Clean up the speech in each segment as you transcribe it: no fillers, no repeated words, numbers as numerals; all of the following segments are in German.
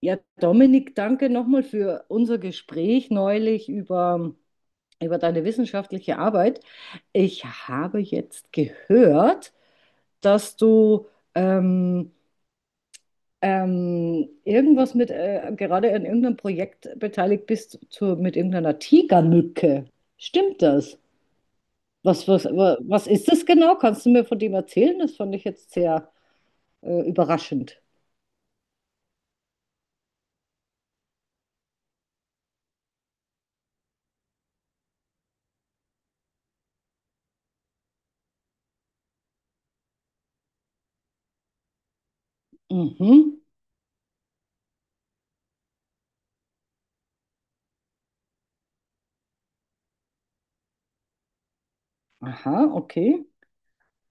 Ja, Dominik, danke nochmal für unser Gespräch neulich über deine wissenschaftliche Arbeit. Ich habe jetzt gehört, dass du ähm, irgendwas mit, gerade an irgendeinem Projekt beteiligt bist mit irgendeiner Tigermücke. Stimmt das? Was ist das genau? Kannst du mir von dem erzählen? Das fand ich jetzt sehr überraschend. Mhm. Aha, okay.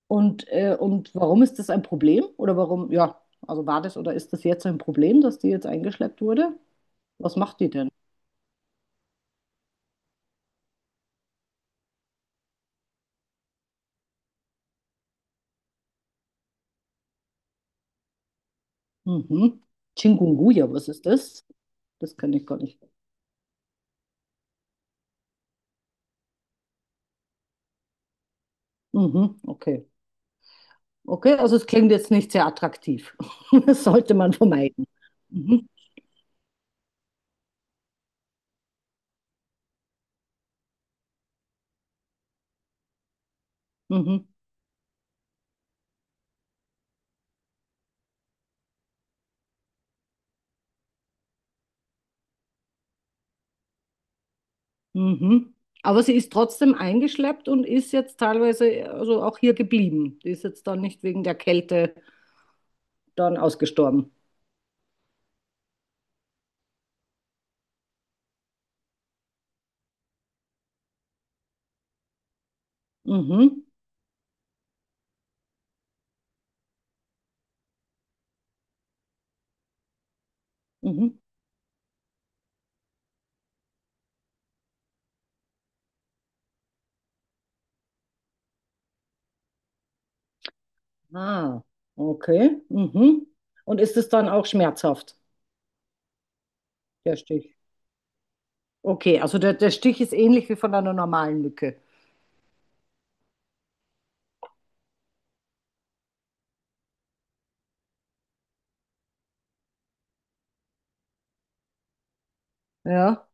Und warum ist das ein Problem? Oder warum, ja, also war das oder ist das jetzt ein Problem, dass die jetzt eingeschleppt wurde? Was macht die denn? Mhm. Chikungunya, was ist das? Das kann ich gar nicht. Mhm, okay. Okay, also es klingt jetzt nicht sehr attraktiv. Das sollte man vermeiden. Mhm, mhm, mhm. Aber sie ist trotzdem eingeschleppt und ist jetzt teilweise also auch hier geblieben. Die ist jetzt dann nicht wegen der Kälte dann ausgestorben. Mhm, mhm. Ah, okay. Mhm. Und ist es dann auch schmerzhaft, der Stich? Okay, also der Stich ist ähnlich wie von einer normalen Mücke. Ja.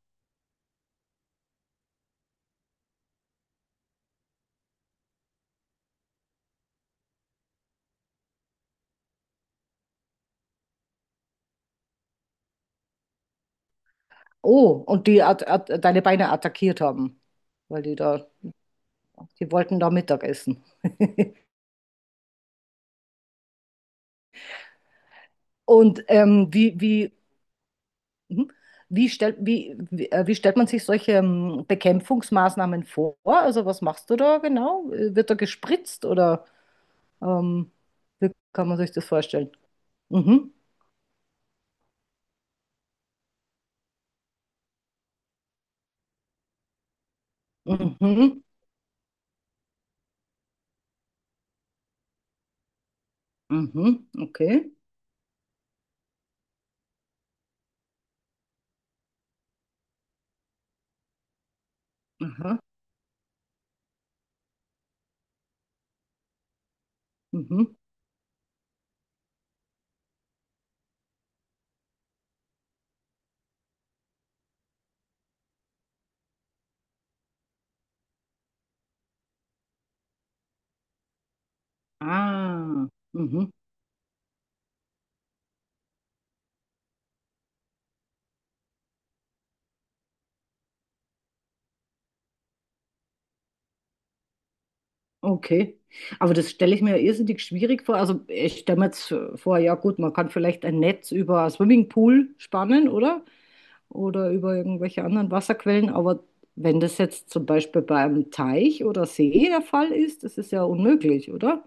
Oh, und die at at deine Beine attackiert haben, weil die da, die wollten da Mittag essen. Und mhm. Wie stellt man sich solche Bekämpfungsmaßnahmen vor? Also was machst du da genau? Wird da gespritzt oder ähm, wie kann man sich das vorstellen? Mhm. Mhm. Mhm, okay. Aha, mhm. Ah, mhm, okay. Aber das stelle ich mir irrsinnig schwierig vor. Also ich stelle mir jetzt vor, ja gut, man kann vielleicht ein Netz über einen Swimmingpool spannen, oder? Oder über irgendwelche anderen Wasserquellen. Aber wenn das jetzt zum Beispiel bei einem Teich oder See der Fall ist, das ist ja unmöglich, oder?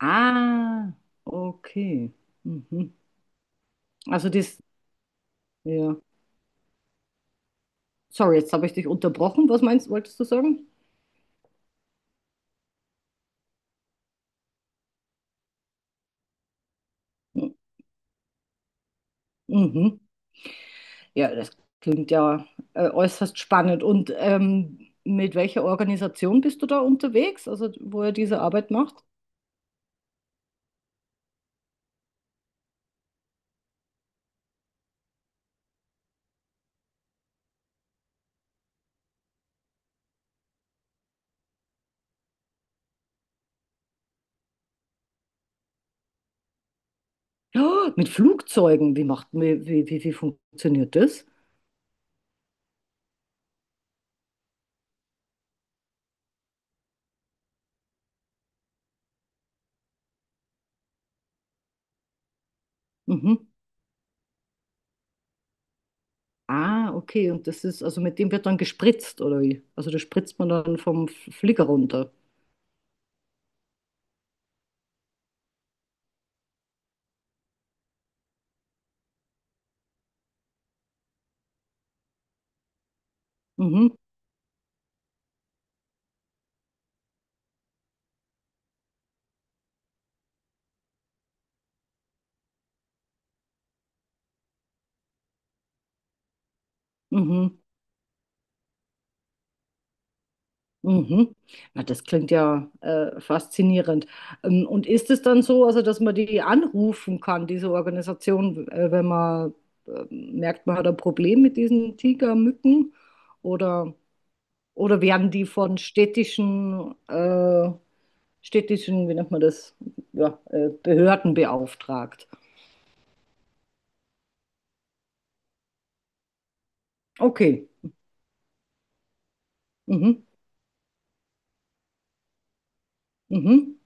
Ah, okay. Mhm. Also das, ja. Sorry, jetzt habe ich dich unterbrochen. Was meinst, wolltest du sagen? Mhm. Ja, das klingt ja äußerst spannend. Und mit welcher Organisation bist du da unterwegs, also wo ihr diese Arbeit macht? Ja, mit Flugzeugen. Wie macht, wie, wie, wie wie funktioniert das? Mhm. Ah, okay. Und das ist, also mit dem wird dann gespritzt, oder wie? Also das spritzt man dann vom Flieger runter. Mhm. Mhm. Mhm. Na, das klingt ja faszinierend. Und ist es dann so, also dass man die anrufen kann, diese Organisation, wenn man merkt, man hat ein Problem mit diesen Tigermücken? Oder, oder werden die von städtischen, städtischen, wie nennt man das, ja, Behörden beauftragt? Okay. Mhm. Mhm.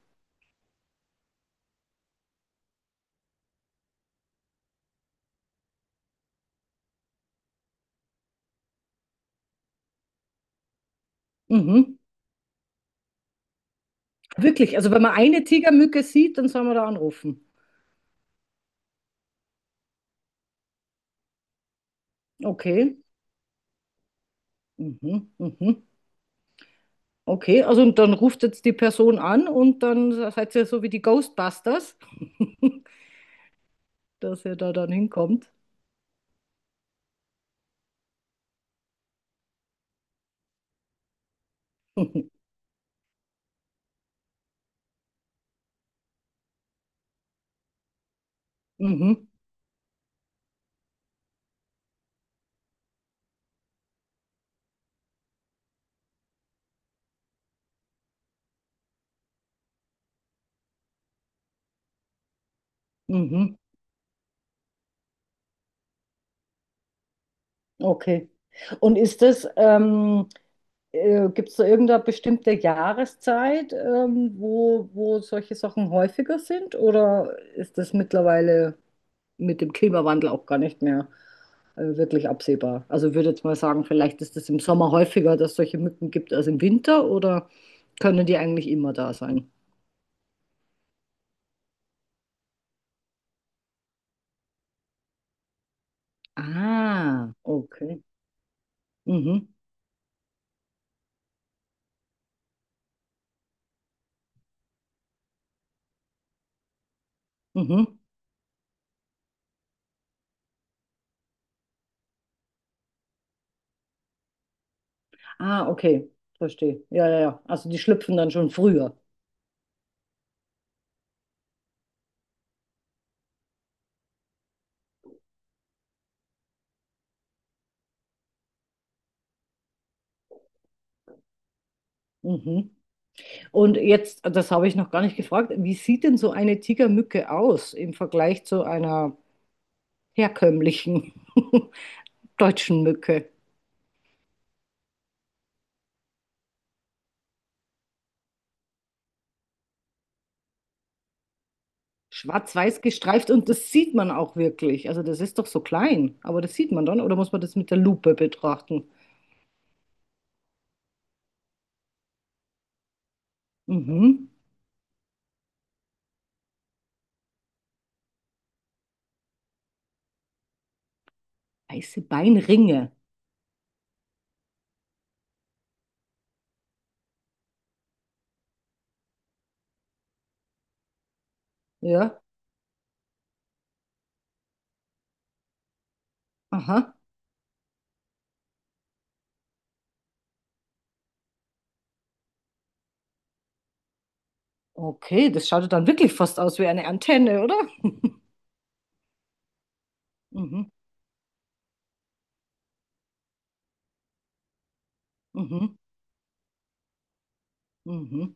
Mhm. Wirklich, also wenn man eine Tigermücke sieht, dann soll man da anrufen. Okay. Mhm. Mhm. Okay, also und dann ruft jetzt die Person an und dann seid ihr so wie die Ghostbusters, dass ihr da dann hinkommt. Mhm, mhm, okay. Und ist das, gibt es da irgendeine bestimmte Jahreszeit, wo, wo solche Sachen häufiger sind? Oder ist das mittlerweile mit dem Klimawandel auch gar nicht mehr wirklich absehbar. Also ich würde jetzt mal sagen, vielleicht ist es im Sommer häufiger, dass es solche Mücken gibt als im Winter oder können die eigentlich immer da sein? Ah, okay. Mhm, mhm. Ah, okay. Verstehe. Ja, ja, ja. Also die schlüpfen dann schon früher. Mhm. Und jetzt, das habe ich noch gar nicht gefragt, wie sieht denn so eine Tigermücke aus im Vergleich zu einer herkömmlichen deutschen Mücke? Schwarz-weiß gestreift und das sieht man auch wirklich. Also das ist doch so klein, aber das sieht man dann. Oder muss man das mit der Lupe betrachten? Mhm. Weiße Beinringe. Ja. Aha. Okay, das schaut ja dann wirklich fast aus wie eine Antenne, oder? Mhm. Mhm. Mhm.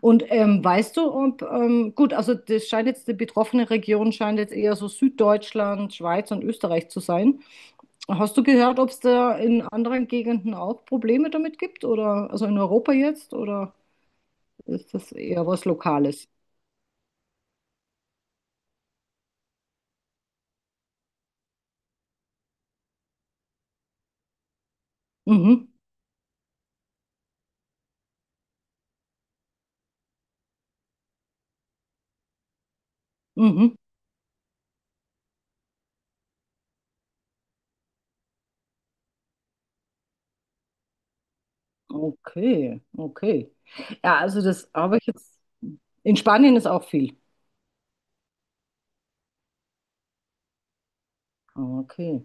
Und weißt du, ob, gut, also das scheint jetzt, die betroffene Region scheint jetzt eher so Süddeutschland, Schweiz und Österreich zu sein. Hast du gehört, ob es da in anderen Gegenden auch Probleme damit gibt? Oder also in Europa jetzt? Oder? Ist das eher was Lokales? Mhm. Mhm. Okay, okay. Ja, also das habe ich jetzt. In Spanien ist auch viel. Okay.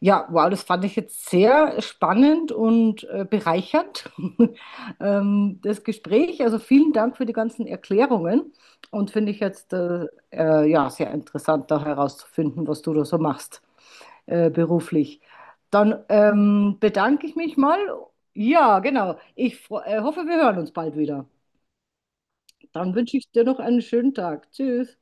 Ja, wow, das fand ich jetzt sehr spannend und bereichernd, das Gespräch. Also vielen Dank für die ganzen Erklärungen und finde ich jetzt ja, sehr interessant, da herauszufinden, was du da so machst beruflich. Dann bedanke ich mich mal. Ja, genau. Ich hoffe, wir hören uns bald wieder. Dann wünsche ich dir noch einen schönen Tag. Tschüss.